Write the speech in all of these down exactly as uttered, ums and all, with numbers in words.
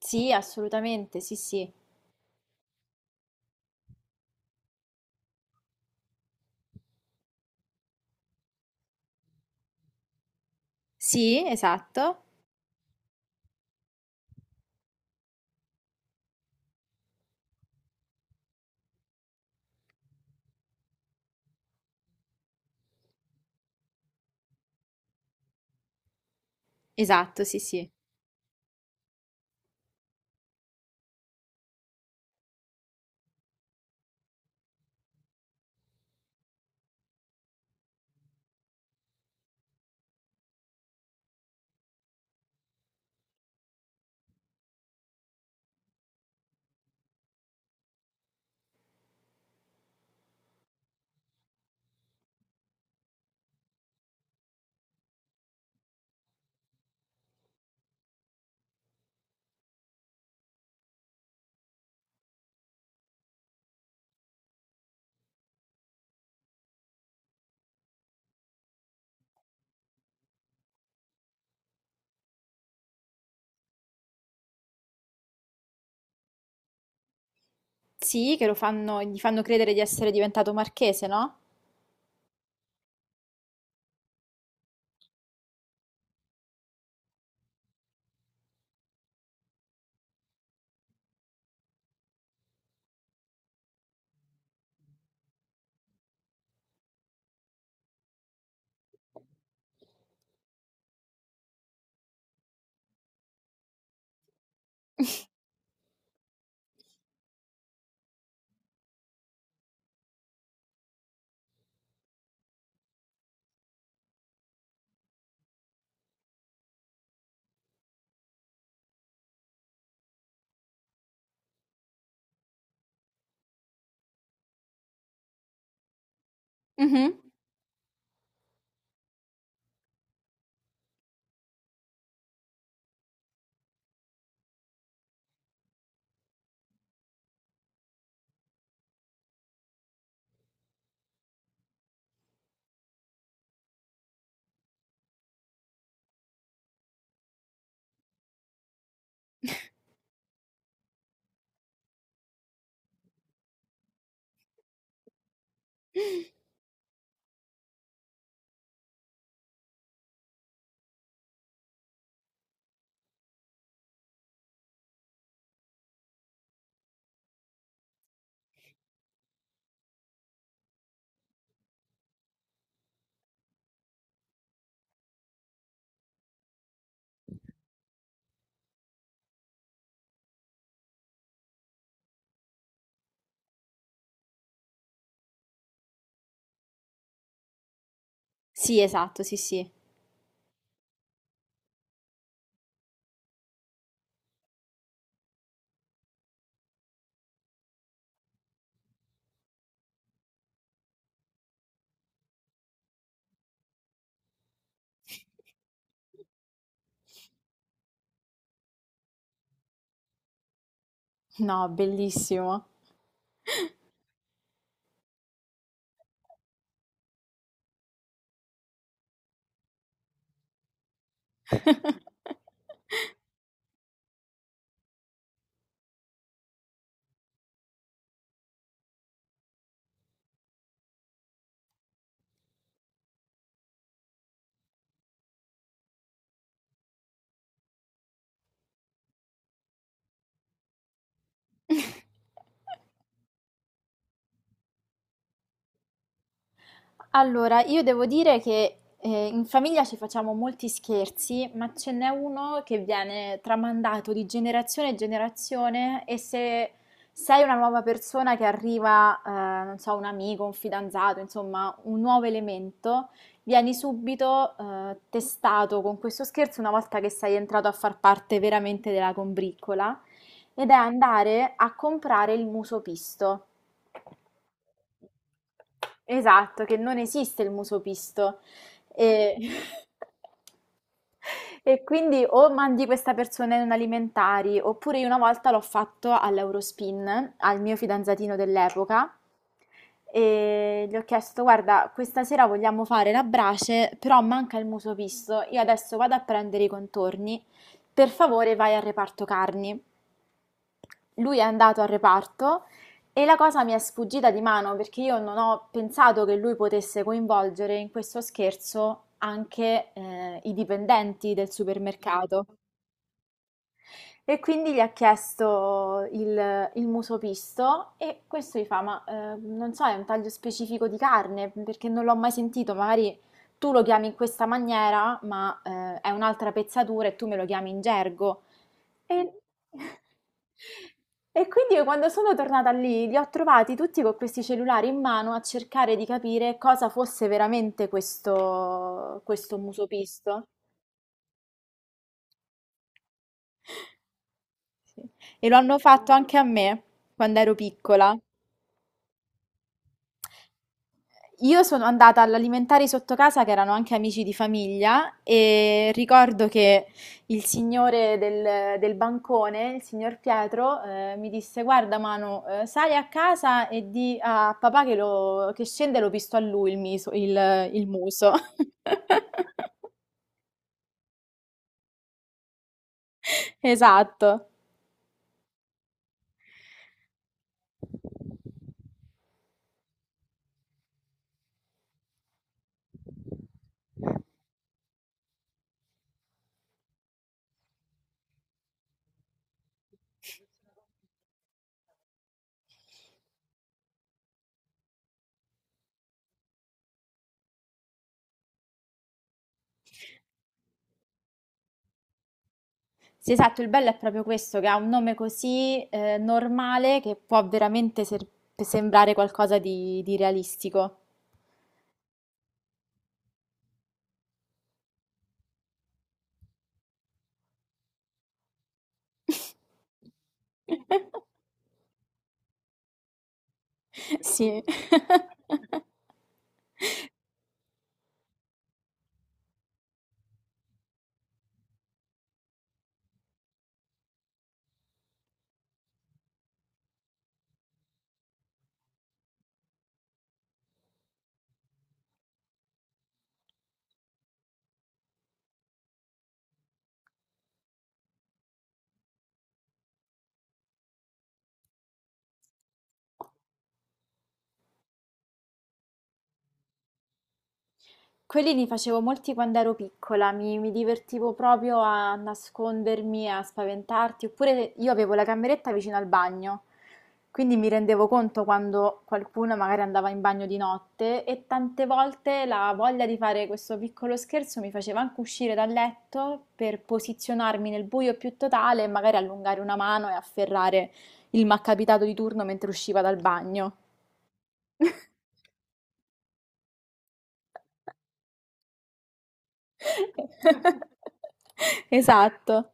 Sì, assolutamente, sì, sì. Sì, esatto. Esatto, sì, sì. Sì, che lo fanno, gli fanno credere di essere diventato marchese, no? Mhm. Sì, esatto, sì, sì. No, bellissimo. Allora, io devo dire che eh, in famiglia ci facciamo molti scherzi, ma ce n'è uno che viene tramandato di generazione in generazione e se sei una nuova persona che arriva, eh, non so, un amico, un fidanzato, insomma, un nuovo elemento, vieni subito eh, testato con questo scherzo una volta che sei entrato a far parte veramente della combriccola ed è andare a comprare il muso pisto. Esatto, che non esiste il muso pisto. E... E quindi o mandi questa persona in un alimentari, oppure io una volta l'ho fatto all'Eurospin, al mio fidanzatino dell'epoca, e gli ho chiesto, guarda, questa sera vogliamo fare la brace, però manca il muso pisto, io adesso vado a prendere i contorni, per favore vai al reparto carni. Lui è andato al reparto e la cosa mi è sfuggita di mano perché io non ho pensato che lui potesse coinvolgere in questo scherzo anche eh, i dipendenti del supermercato. E quindi gli ha chiesto il, il muso pisto e questo gli fa, ma eh, non so, è un taglio specifico di carne perché non l'ho mai sentito, magari tu lo chiami in questa maniera, ma eh, è un'altra pezzatura e tu me lo chiami in gergo. E e quindi io quando sono tornata lì, li ho trovati tutti con questi cellulari in mano a cercare di capire cosa fosse veramente questo, questo muso pisto. Sì. E lo hanno fatto anche a me quando ero piccola. Io sono andata all'alimentari sotto casa che erano anche amici di famiglia e ricordo che il signore del, del bancone, il signor Pietro, eh, mi disse: Guarda, Manu, eh, sali a casa e di a papà che, lo- che scende e lo pisto a lui il, miso- il- il muso. Esatto. Sì, esatto, il bello è proprio questo, che ha un nome così eh, normale che può veramente ser- sembrare qualcosa di di realistico. Sì. Quelli li facevo molti quando ero piccola, mi, mi divertivo proprio a nascondermi, a spaventarti, oppure io avevo la cameretta vicino al bagno, quindi mi rendevo conto quando qualcuno magari andava in bagno di notte e tante volte la voglia di fare questo piccolo scherzo mi faceva anche uscire dal letto per posizionarmi nel buio più totale e magari allungare una mano e afferrare il malcapitato di turno mentre usciva dal bagno. Esatto.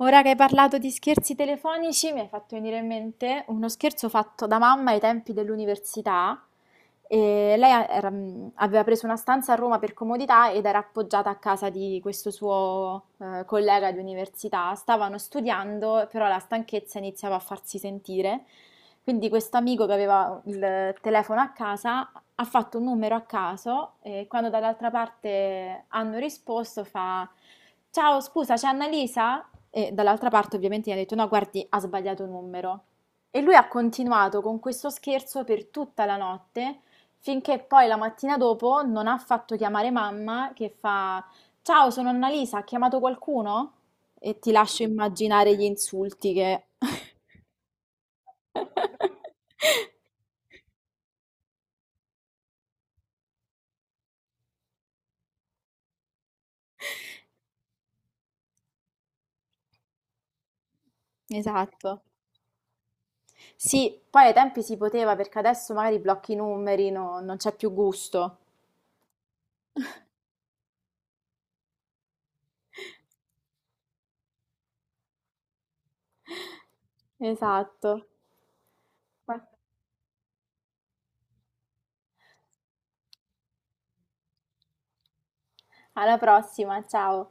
Ora che hai parlato di scherzi telefonici, mi hai fatto venire in mente uno scherzo fatto da mamma ai tempi dell'università. E lei a- era- mh, aveva preso una stanza a Roma per comodità ed era appoggiata a casa di questo suo eh, collega di università. Stavano studiando, però la stanchezza iniziava a farsi sentire. Quindi questo amico che aveva il telefono a casa ha fatto un numero a caso e quando dall'altra parte hanno risposto fa: Ciao, scusa, c'è Annalisa? E dall'altra parte ovviamente gli ha detto: No, guardi, ha sbagliato un numero. E lui ha continuato con questo scherzo per tutta la notte, finché poi la mattina dopo non ha fatto chiamare mamma che fa: Ciao, sono Annalisa, ha chiamato qualcuno? E ti lascio immaginare gli insulti che... Esatto. Sì, poi ai tempi si poteva perché adesso magari blocchi i numeri, no- non c'è più gusto. Esatto. Ma- Alla prossima, ciao.